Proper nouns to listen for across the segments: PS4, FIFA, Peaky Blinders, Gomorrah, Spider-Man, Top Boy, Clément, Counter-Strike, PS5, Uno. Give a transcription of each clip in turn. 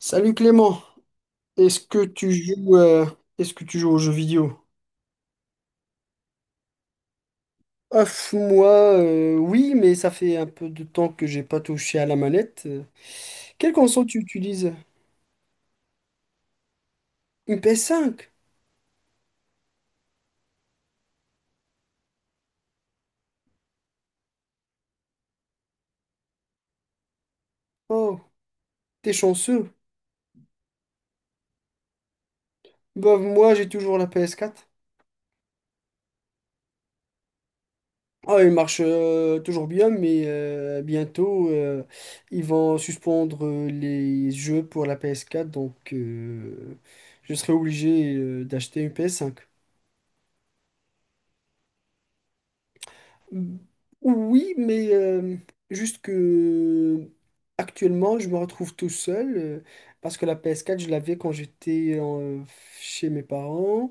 Salut Clément, est-ce que tu joues, euh, est-ce que tu joues aux jeux vidéo? Ouf, moi, oui, mais ça fait un peu de temps que j'ai pas touché à la manette. Quelle console tu utilises? Une PS5? Oh, t'es chanceux. Bah, moi, j'ai toujours la PS4. Ah, elle marche toujours bien, mais bientôt, ils vont suspendre les jeux pour la PS4, donc je serai obligé d'acheter une PS5. Oui, mais juste que actuellement, je me retrouve tout seul, parce que la PS4, je l'avais quand chez mes parents.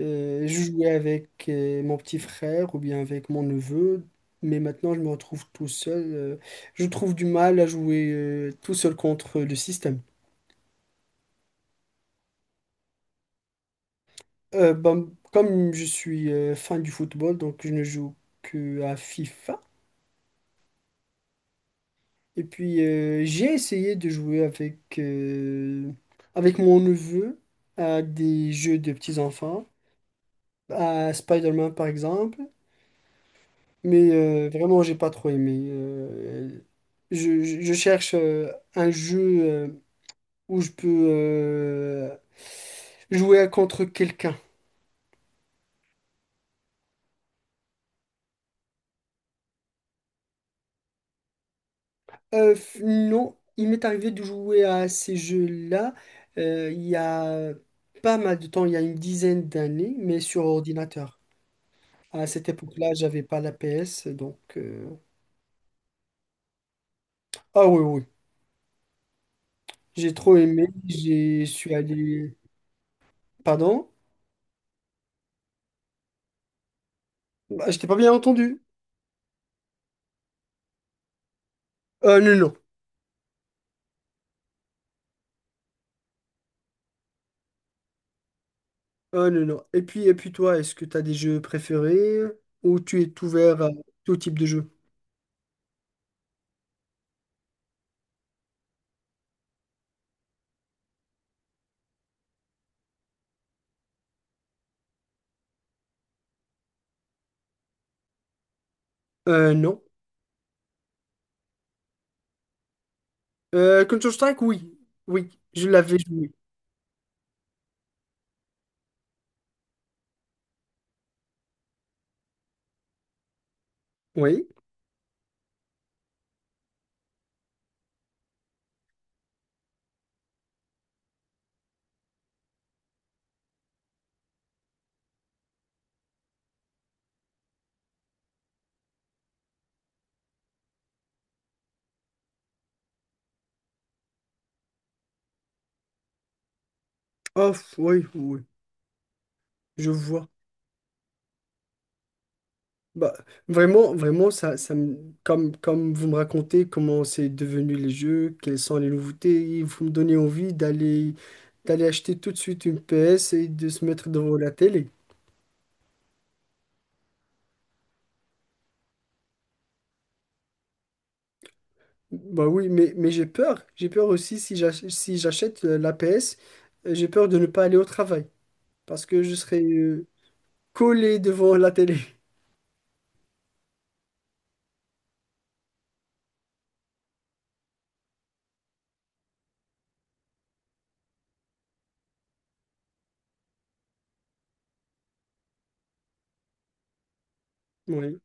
Je jouais avec mon petit frère ou bien avec mon neveu, mais maintenant, je me retrouve tout seul. Je trouve du mal à jouer tout seul contre le système. Comme je suis fan du football, donc je ne joue que à FIFA. Et puis j'ai essayé de jouer avec, avec mon neveu à des jeux de petits-enfants, à Spider-Man par exemple, mais vraiment j'ai pas trop aimé. Je cherche un jeu où je peux jouer contre quelqu'un. Non, il m'est arrivé de jouer à ces jeux-là il y a pas mal de temps, il y a une dizaine d'années, mais sur ordinateur. À cette époque-là, j'avais pas la PS, donc... Ah oui, oui, j'ai trop aimé, je suis allé... Pardon? Bah, je t'ai pas bien entendu. Ah non, non. Ah non, non. Et puis toi, est-ce que tu as des jeux préférés ou tu es ouvert à tout type de jeu? Non. Counter-Strike, oui. Oui, je l'avais joué. Oui. Oh, oui, oui. Je vois. Bah, vraiment, vraiment, comme, comme vous me racontez comment c'est devenu les jeux, quelles sont les nouveautés, vous me donnez envie d'aller acheter tout de suite une PS et de se mettre devant la télé. Bah oui, mais j'ai peur. J'ai peur aussi si j'achète la PS, j'ai peur de ne pas aller au travail parce que je serai collé devant la télé. Oui,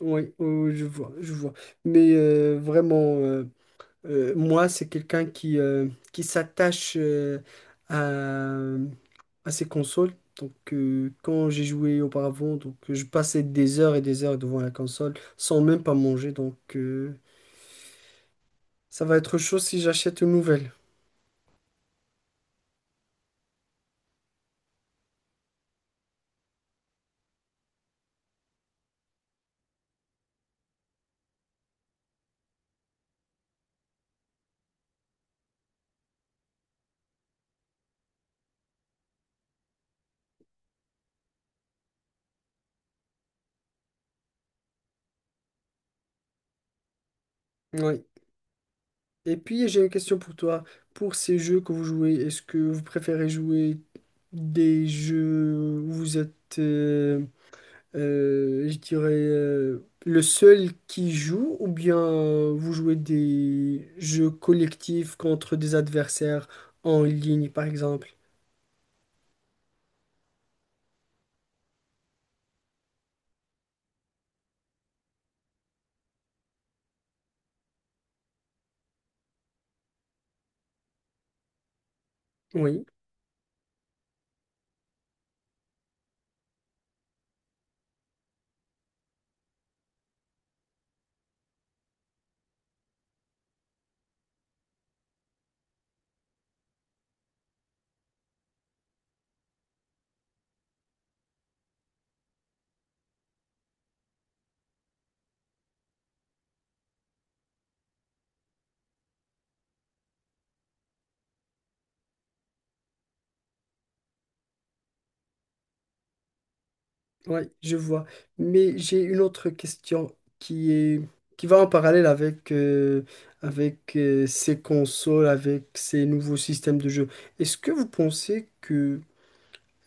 oui, oui, je vois, je vois. Mais vraiment. Moi, c'est quelqu'un qui s'attache, à, à ses consoles. Donc, quand j'ai joué auparavant, donc, je passais des heures et des heures devant la console sans même pas manger. Donc, ça va être chaud si j'achète une nouvelle. Oui. Et puis, j'ai une question pour toi. Pour ces jeux que vous jouez, est-ce que vous préférez jouer des jeux où vous êtes, je dirais le seul qui joue ou bien vous jouez des jeux collectifs contre des adversaires en ligne par exemple. Oui, oui, je vois. Mais j'ai une autre question qui est qui va en parallèle avec ces consoles, avec ces nouveaux systèmes de jeu. Est-ce que vous pensez que,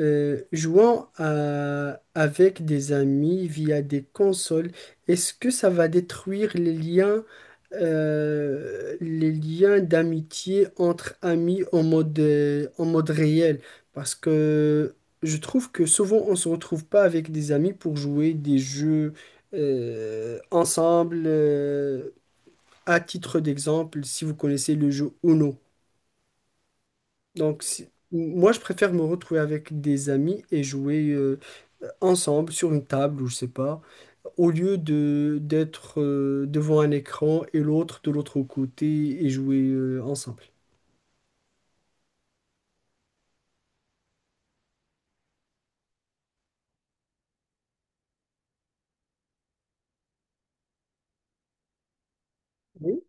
Jouant avec des amis via des consoles, est-ce que ça va détruire les liens d'amitié entre amis en mode réel? Parce que je trouve que souvent on se retrouve pas avec des amis pour jouer des jeux ensemble. À titre d'exemple, si vous connaissez le jeu Uno. Donc, moi, je préfère me retrouver avec des amis et jouer ensemble sur une table ou je sais pas, au lieu de d'être devant un écran et l'autre de l'autre côté et jouer ensemble. Oui,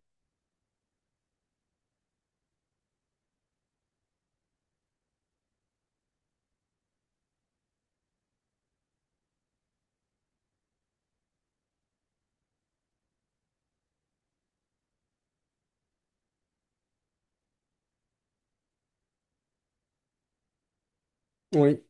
oui,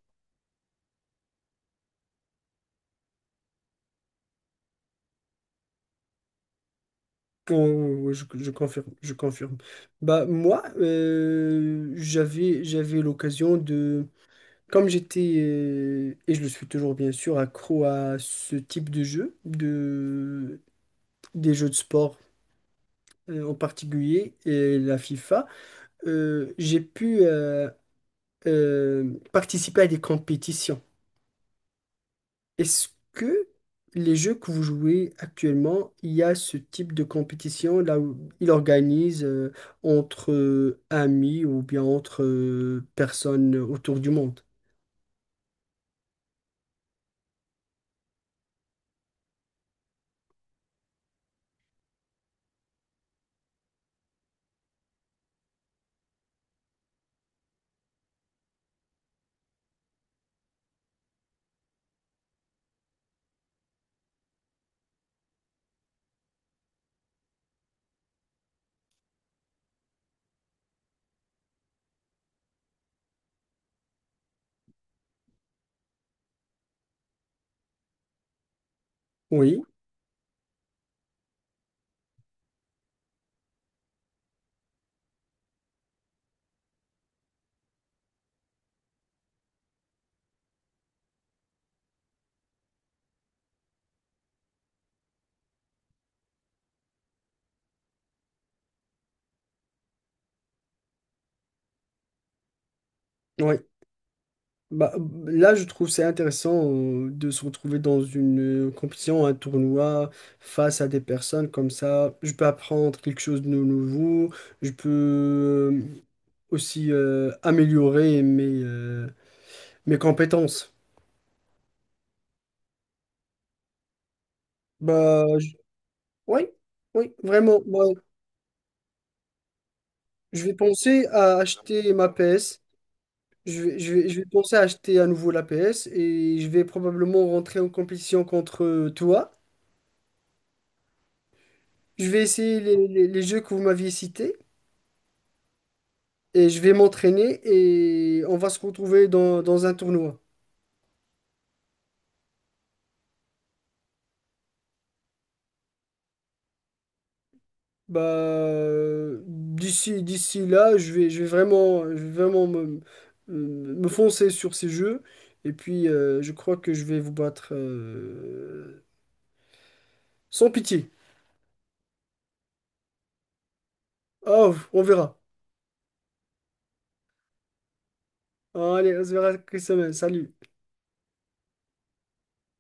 oui, je confirme, je confirme. Bah moi, j'avais l'occasion de, comme j'étais et je le suis toujours bien sûr accro à ce type de jeu, de des jeux de sport en particulier la FIFA, j'ai pu participer à des compétitions. Est-ce que les jeux que vous jouez actuellement, il y a ce type de compétition là où il organise entre amis ou bien entre personnes autour du monde? Oui, oui. Bah, là, je trouve c'est intéressant de se retrouver dans une compétition, un tournoi, face à des personnes comme ça. Je peux apprendre quelque chose de nouveau. Je peux aussi améliorer mes compétences. Bah, je- oui, oui, vraiment. Moi, je vais penser à acheter ma PS. Je vais, je vais penser à acheter à nouveau la PS et je vais probablement rentrer en compétition contre toi. Je vais essayer les, les jeux que vous m'aviez cités. Et je vais m'entraîner et on va se retrouver dans un tournoi. Bah, d'ici là, je vais vraiment, me foncer sur ces jeux. Et puis, je crois que je vais vous battre sans pitié. Oh, on verra. Allez, on se verra, cette semaine. Salut.